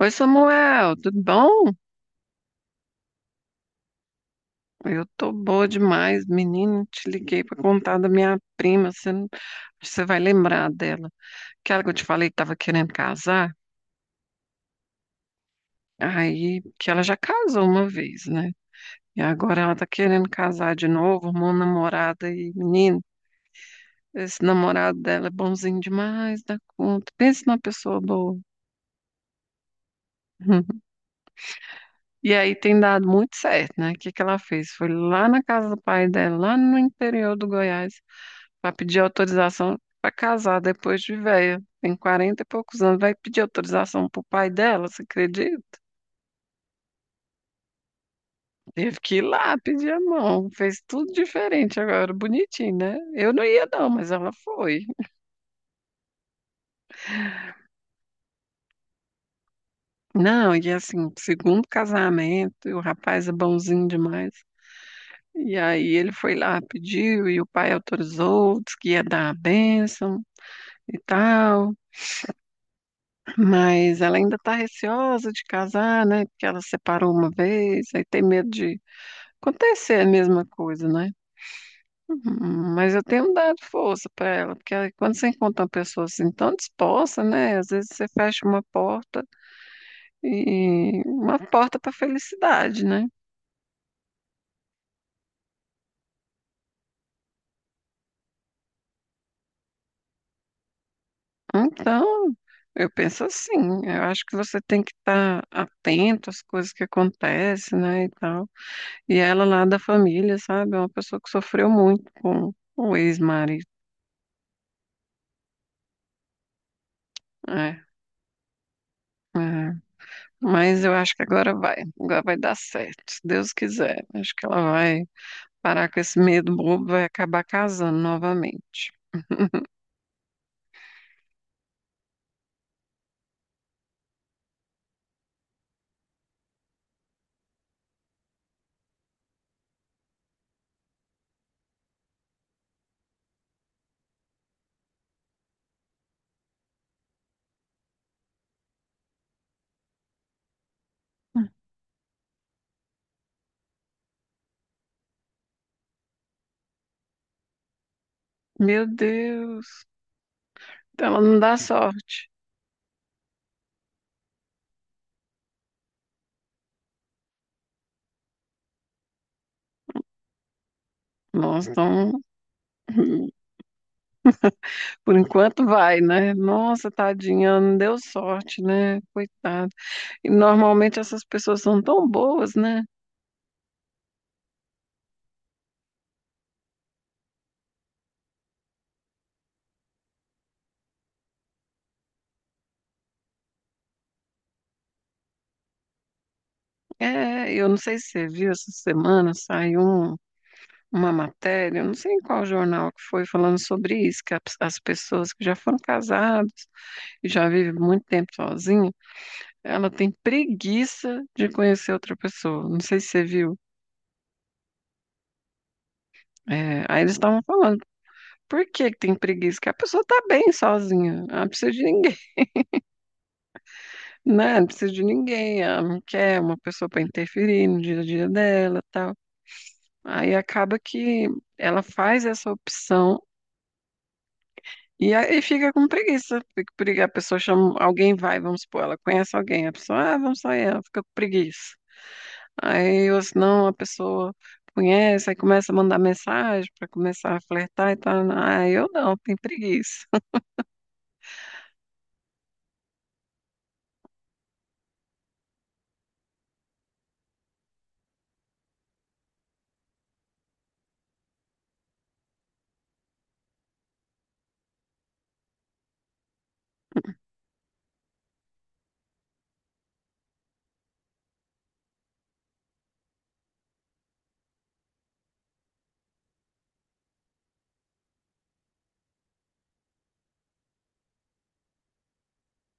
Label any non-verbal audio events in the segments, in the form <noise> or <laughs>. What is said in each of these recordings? Oi, Samuel, tudo bom? Eu tô boa demais, menino. Te liguei pra contar da minha prima. Você, não- Você vai lembrar dela. Aquela que eu te falei que tava querendo casar. Aí, que ela já casou uma vez, né? E agora ela tá querendo casar de novo, arrumou um namorado aí, menino. Esse namorado dela é bonzinho demais, dá conta. Pensa numa pessoa boa. <laughs> E aí tem dado muito certo, né? O que que ela fez? Foi lá na casa do pai dela, lá no interior do Goiás. Vai pedir autorização para casar depois de velha. Tem 40 e poucos anos. Vai pedir autorização pro pai dela, você acredita? Teve que ir lá pedir a mão. Fez tudo diferente agora. Bonitinho, né? Eu não ia, não, mas ela foi. Não, e assim, segundo casamento, e o rapaz é bonzinho demais. E aí ele foi lá, pediu, e o pai autorizou, disse que ia dar a bênção e tal. Mas ela ainda tá receosa de casar, né? Porque ela separou uma vez, aí tem medo de acontecer é a mesma coisa, né? Uhum, mas eu tenho dado força para ela, porque aí quando você encontra uma pessoa assim tão disposta, né? Às vezes você fecha uma porta e uma porta para felicidade, né? Então, eu penso assim, eu acho que você tem que estar atento às coisas que acontecem, né, e tal. E ela lá da família, sabe? É uma pessoa que sofreu muito com o ex-marido, né? É, mas eu acho que agora vai. Agora vai dar certo, se Deus quiser. Acho que ela vai parar com esse medo bobo, vai acabar casando novamente. Meu Deus, ela não dá sorte. Nossa, então, <laughs> por enquanto vai, né? Nossa, tadinha, ela não deu sorte, né? Coitada. E normalmente essas pessoas são tão boas, né? É, eu não sei se você viu essa semana, saiu um. Uma matéria, eu não sei em qual jornal que foi, falando sobre isso, que as pessoas que já foram casadas e já vivem muito tempo sozinha, ela tem preguiça de conhecer outra pessoa. Não sei se você viu. É, aí eles estavam falando, por que que tem preguiça? Que a pessoa tá bem sozinha, ela não precisa de ninguém, <laughs> né? Não precisa de ninguém, ela não quer uma pessoa para interferir no dia a dia dela, tal. Aí acaba que ela faz essa opção. E aí fica com preguiça, porque a pessoa chama, alguém vai, vamos supor, ela conhece alguém, a pessoa, ah, vamos sair, ela fica com preguiça. Aí, ou senão, a pessoa conhece, aí começa a mandar mensagem para começar a flertar e tal. Ah, eu não, tenho preguiça.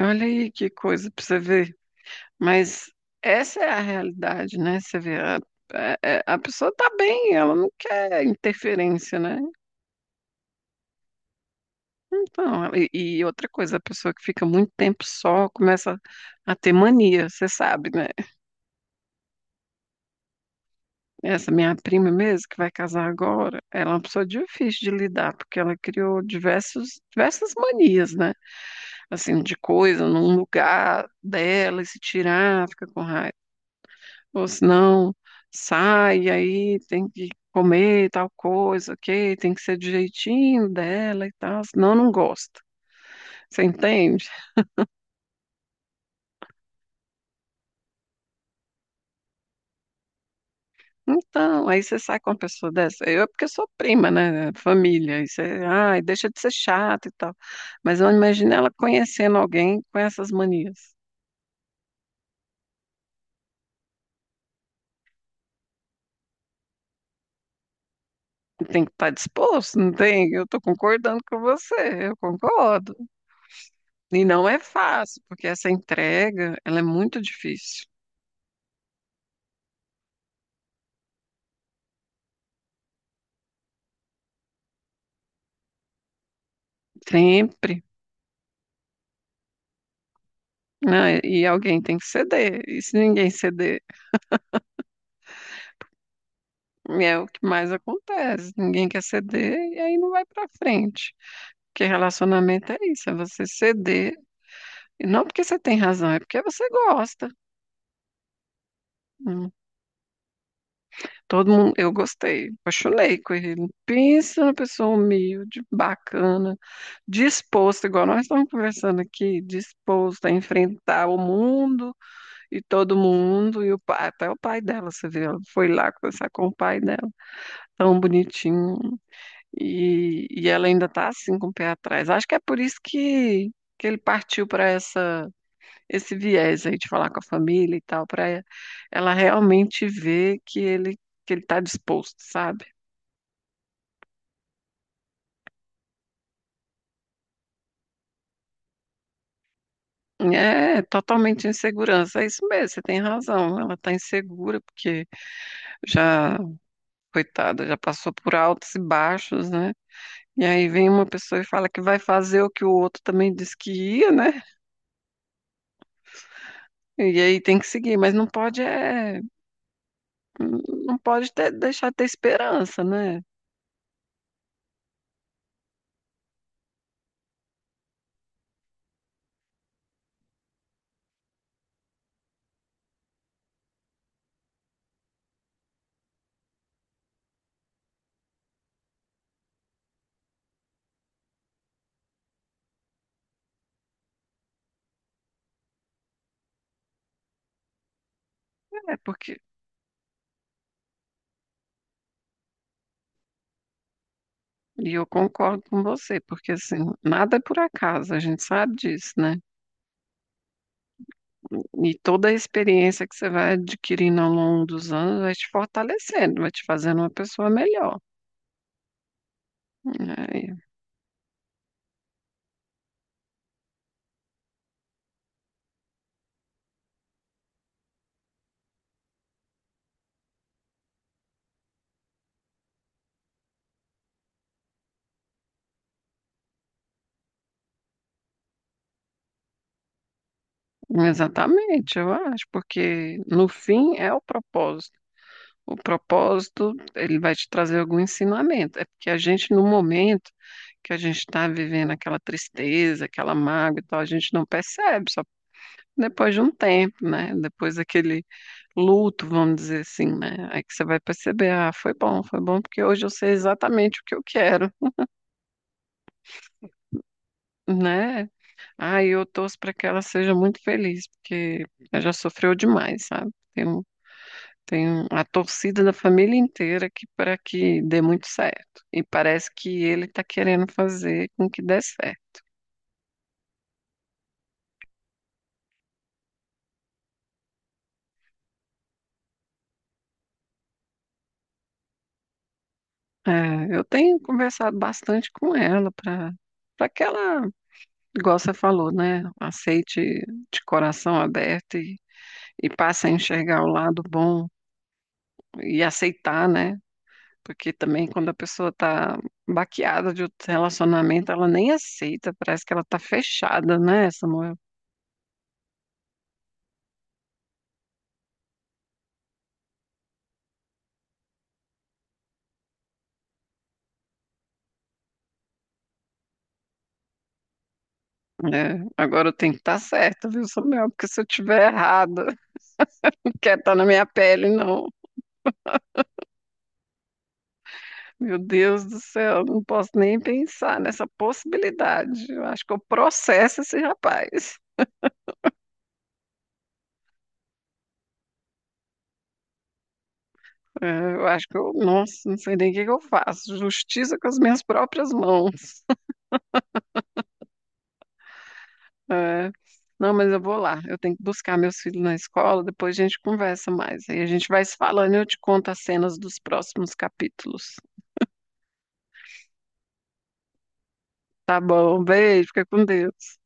Olha aí que coisa para você ver. Mas essa é a realidade, né? Você vê, a, a pessoa tá bem, ela não quer interferência, né? Então, e outra coisa, a pessoa que fica muito tempo só começa a ter mania, você sabe, né? Essa minha prima mesmo, que vai casar agora, ela é uma pessoa difícil de lidar, porque ela criou diversas manias, né? Assim, de coisa num lugar dela e se tirar, fica com raiva. Ou senão, sai, aí tem que comer tal coisa, ok? Tem que ser do jeitinho dela e tal, senão não gosta. Você entende? Então, aí você sai com uma pessoa dessa. Eu é porque eu sou prima, né? Família. Isso é, ai, deixa de ser chato e tal. Mas eu imagino ela conhecendo alguém com essas manias. Tem que estar disposto, não tem? Eu estou concordando com você, eu concordo. E não é fácil, porque essa entrega, ela é muito difícil. Sempre. Né? E alguém tem que ceder. E se ninguém ceder, é o que mais acontece. Ninguém quer ceder e aí não vai para frente. Porque relacionamento é isso, é você ceder. Não porque você tem razão, é porque você gosta. Hum. Todo mundo, eu gostei, apaixonei com ele. Pensa numa pessoa humilde, bacana, disposta, igual nós estamos conversando aqui, disposta a enfrentar o mundo e todo mundo, e o pai, até o pai dela, você viu, ela foi lá conversar com o pai dela, tão bonitinho. E ela ainda está assim com o pé atrás. Acho que é por isso que ele partiu para essa, esse viés aí de falar com a família e tal, para ela realmente ver que ele está disposto, sabe? É totalmente insegurança, é isso mesmo, você tem razão. Ela está insegura porque já, coitada, já passou por altos e baixos, né? E aí vem uma pessoa e fala que vai fazer o que o outro também disse que ia, né? E aí tem que seguir, mas não pode é, não pode ter- deixar de ter esperança, né? É porque E eu concordo com você, porque assim, nada é por acaso, a gente sabe disso, né? E toda a experiência que você vai adquirindo ao longo dos anos vai te fortalecendo, vai te fazendo uma pessoa melhor. É, exatamente, eu acho, porque no fim é o propósito. O propósito, ele vai te trazer algum ensinamento. É porque a gente, no momento que a gente está vivendo aquela tristeza, aquela mágoa e tal, a gente não percebe, depois de um tempo, né? Depois daquele luto, vamos dizer assim, né? Aí que você vai perceber, ah, foi bom, porque hoje eu sei exatamente o que eu quero, né? Ah, e eu torço para que ela seja muito feliz, porque ela já sofreu demais, sabe? Tem um, a torcida da família inteira que para que dê muito certo. E parece que ele está querendo fazer com que dê certo. É, eu tenho conversado bastante com ela para que ela, igual você falou, né? Aceite de coração aberto e passe a enxergar o lado bom e aceitar, né? Porque também quando a pessoa tá baqueada de outro relacionamento, ela nem aceita, parece que ela tá fechada, né, Samuel? É, agora eu tenho que estar tá certa, viu, Samuel? Porque se eu tiver errada, <laughs> não quer estar na minha pele, não. Meu Deus do céu, não posso nem pensar nessa possibilidade. Eu acho que eu processo esse rapaz. É, eu acho que eu, nossa, não sei nem o que que eu faço. Justiça com as minhas próprias mãos. <laughs> É. Não, mas eu vou lá. Eu tenho que buscar meus filhos na escola, depois a gente conversa mais. Aí a gente vai se falando e eu te conto as cenas dos próximos capítulos. Tá bom, beijo, fica com Deus.